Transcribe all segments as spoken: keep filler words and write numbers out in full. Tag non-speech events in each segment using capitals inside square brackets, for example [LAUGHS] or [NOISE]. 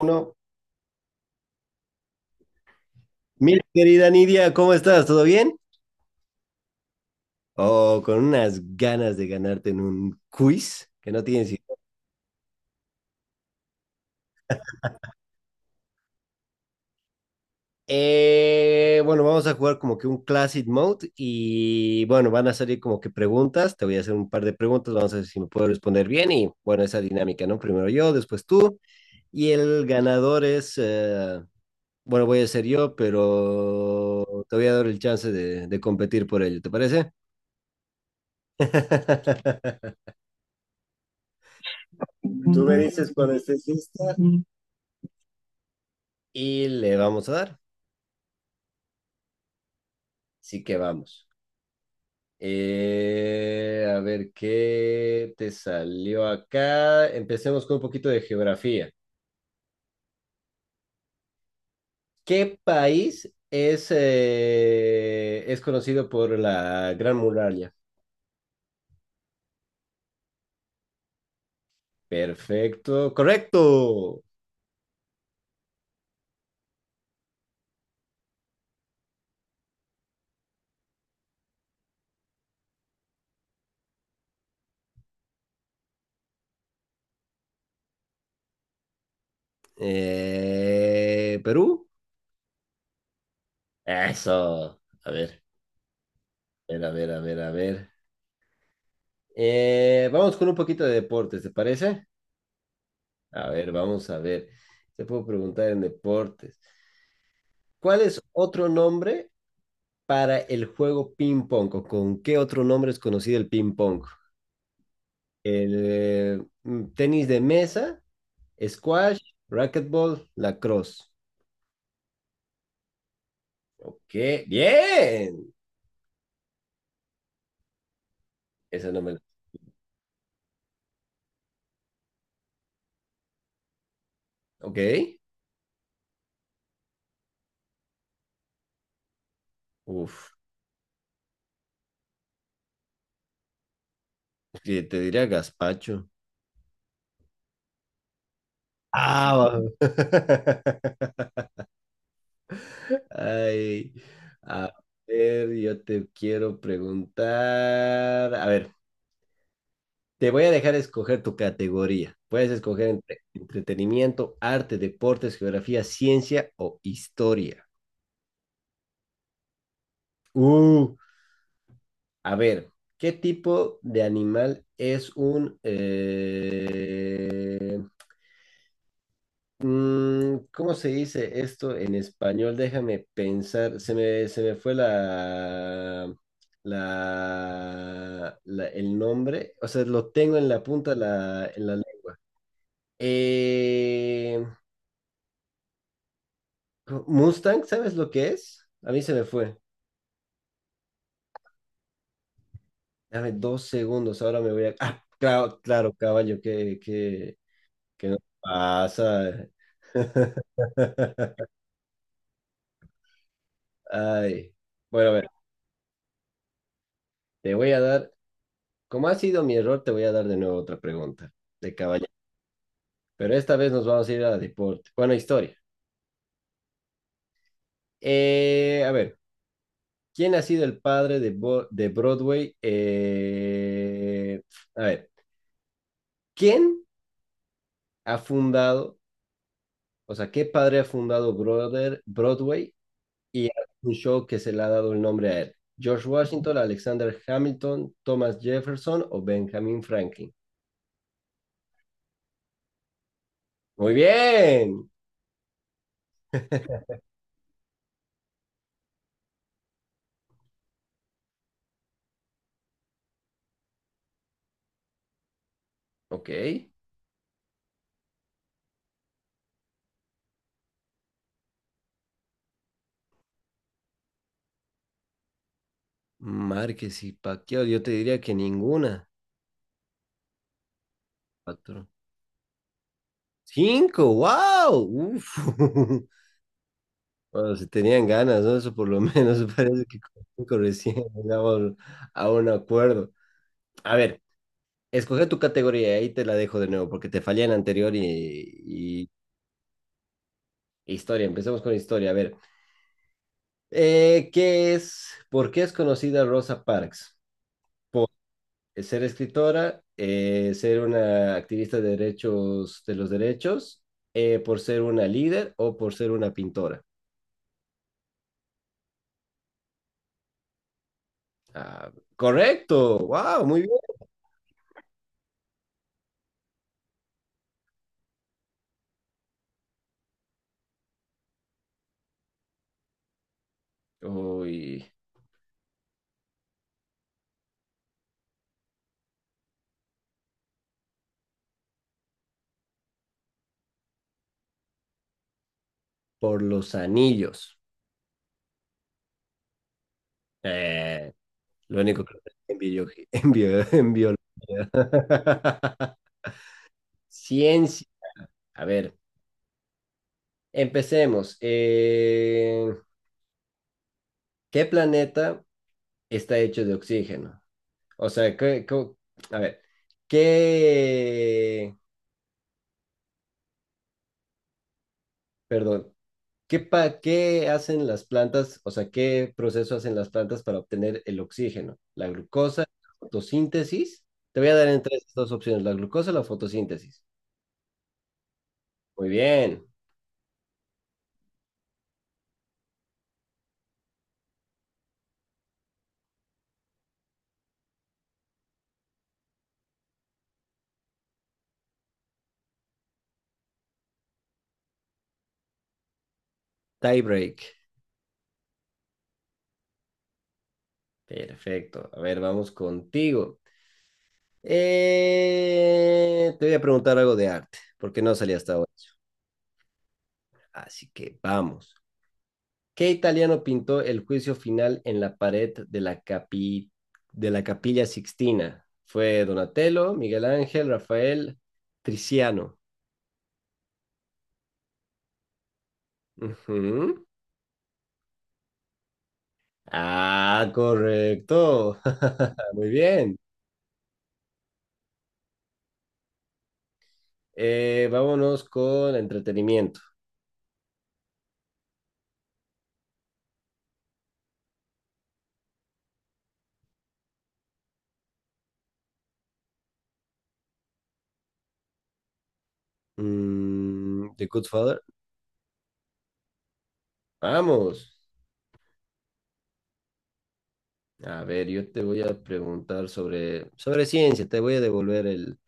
Uno. Mi querida Nidia, ¿cómo estás? ¿Todo bien? Oh, con unas ganas de ganarte en un quiz que no tienes idea. Eh, bueno, vamos a jugar como que un Classic Mode y bueno, van a salir como que preguntas. Te voy a hacer un par de preguntas, vamos a ver si me puedo responder bien y bueno, esa dinámica, ¿no? Primero yo, después tú y el ganador es, eh, bueno, voy a ser yo, pero te voy a dar el chance de, de competir por ello, ¿te parece? [LAUGHS] Tú me dices cuando estés lista y le vamos a dar. Así que vamos. Eh, a ver qué te salió acá. Empecemos con un poquito de geografía. ¿Qué país es, eh, es conocido por la Gran Muralla? Perfecto, correcto. Eh, ¿Perú? Eso. A ver, a ver, a ver, a ver. A ver. Eh, vamos con un poquito de deportes, ¿te parece? A ver, vamos a ver. Te puedo preguntar en deportes. ¿Cuál es otro nombre para el juego ping pong? ¿O con qué otro nombre es conocido el ping pong? El eh, mm, tenis de mesa, squash, racquetball, lacrosse. Ok, bien. Esa no me la... Ok. Uf, sí, te diría gazpacho. Ah, va- [LAUGHS] Ay, a ver, yo te quiero preguntar. A ver. Te voy a dejar escoger tu categoría. Puedes escoger entre entretenimiento, arte, deportes, geografía, ciencia o historia. Uh, a ver, ¿qué tipo de animal es un... eh, mm, ¿Cómo se dice esto en español? Déjame pensar. Se me, se me fue la, la, la- el nombre. O sea, lo tengo en la punta de la, en la lengua. Eh, Mustang, ¿sabes lo que es? A mí se me fue. Dame dos segundos, ahora me voy a... Ah, claro, claro, caballo, que, que, que no pasa. [LAUGHS] Ay. Bueno, a ver, te voy a dar, como ha sido mi error, te voy a dar de nuevo otra pregunta de caballo. Pero esta vez nos vamos a ir a deporte. Bueno, historia. Eh, a ver, ¿quién ha sido el padre de, Bo- de Broadway? Eh, a ver, ¿quién ha fundado O sea, qué padre ha fundado Brother, Broadway y un show que se le ha dado el nombre a él. George Washington, Alexander Hamilton, Thomas Jefferson o Benjamin Franklin. Muy bien. Ok. Márquez y Pacquiao, yo te diría que ninguna. Cuatro. Cinco, wow. Uf. [LAUGHS] Bueno, si tenían ganas, ¿no? Eso por lo menos [LAUGHS] parece que con cinco recién llegamos a un acuerdo. A ver, escoge tu categoría y ahí te la dejo de nuevo porque te fallé en la anterior y, historia, empecemos con historia. A ver, eh, ¿qué es, ¿por qué es conocida Rosa Parks? Por ser escritora, eh, ser una activista de derechos, de los derechos, eh, por ser una líder o por ser una pintora. Ah, correcto, wow, muy bien. Uy, por los anillos. Eh, lo único que [LAUGHS] en, bio- en bio- en biología. [LAUGHS] Ciencia. A ver, empecemos. Eh, ¿Qué planeta está hecho de oxígeno? O sea, ¿qué, co- a ver, ¿qué, perdón, ¿qué, pa- ¿qué hacen las plantas? O sea, ¿qué proceso hacen las plantas para obtener el oxígeno? ¿La glucosa, la fotosíntesis? Te voy a dar entre estas dos opciones, la glucosa o la fotosíntesis. Muy bien, tiebreak. Perfecto. A ver, vamos contigo. Eh, te voy a preguntar algo de arte, porque no salía hasta ahora. Así que vamos. ¿Qué italiano pintó el juicio final en la pared de la, capi- de la Capilla Sixtina? Fue Donatello, Miguel Ángel, Rafael, Tiziano. Ujú. Ah, correcto. [LAUGHS] Muy bien. Eh, vámonos con entretenimiento. Mm, The Good Father. Vamos. A ver, yo te voy a preguntar sobre, sobre ciencia. Te voy a devolver el...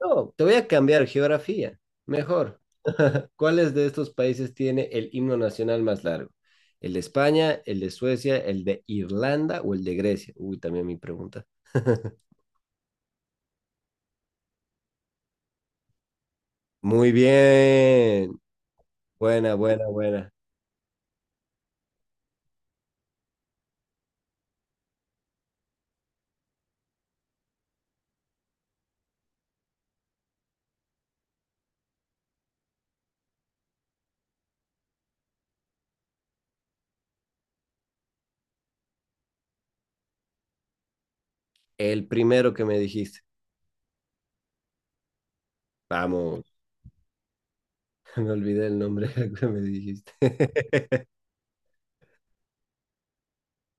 No, te voy a cambiar geografía. Mejor. ¿Cuáles de estos países tiene el himno nacional más largo? ¿El de España, el de Suecia, el de Irlanda o el de Grecia? Uy, también mi pregunta. [LAUGHS] Muy bien. Buena, buena, buena. El primero que me dijiste. Vamos, [LAUGHS] me olvidé el nombre [LAUGHS] que me dijiste. [LAUGHS]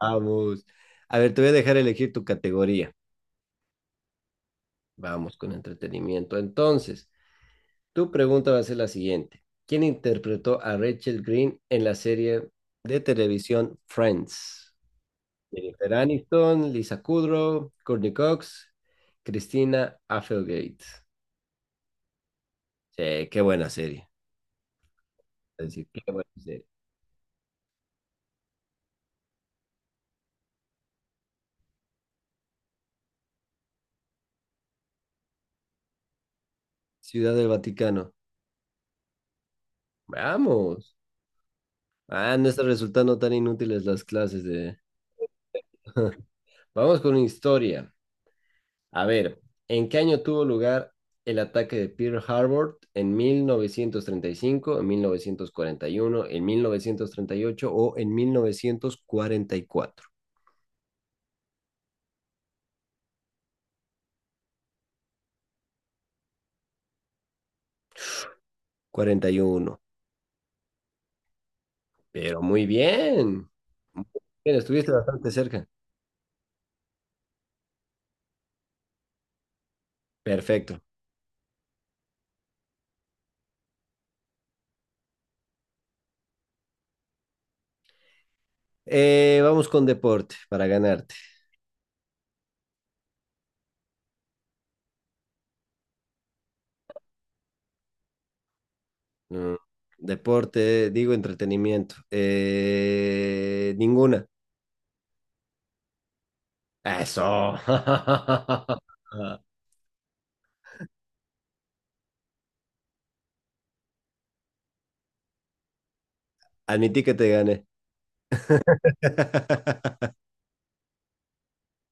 Vamos. A ver, te voy a dejar elegir tu categoría. Vamos con entretenimiento. Entonces, tu pregunta va a ser la siguiente. ¿Quién interpretó a Rachel Green en la serie de televisión Friends? Jennifer Aniston, Lisa Kudrow, Courtney Cox, Christina Applegate. Sí, qué buena serie. Es decir, qué buena serie. Ciudad del Vaticano. Vamos. Ah, no están resultando tan inútiles las clases de... [LAUGHS] Vamos con historia. A ver, ¿en qué año tuvo lugar el ataque de Pearl Harbor? ¿En mil novecientos treinta y cinco, en mil novecientos cuarenta y uno, en mil novecientos treinta y ocho o en mil novecientos cuarenta y cuatro? cuarenta y uno. Pero muy bien. Muy bien, estuviste bastante cerca. Perfecto. Eh, vamos con deporte para ganarte. Mm, deporte, digo entretenimiento. Eh, ninguna. Eso. [LAUGHS] Admití que te gané. [LAUGHS]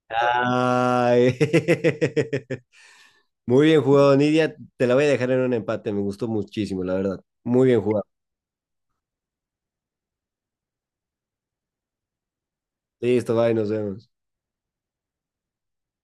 Ay. [LAUGHS] Muy bien jugado, Nidia. Te la voy a dejar en un empate. Me gustó muchísimo, la verdad. Muy bien jugado. Listo, bye, nos vemos.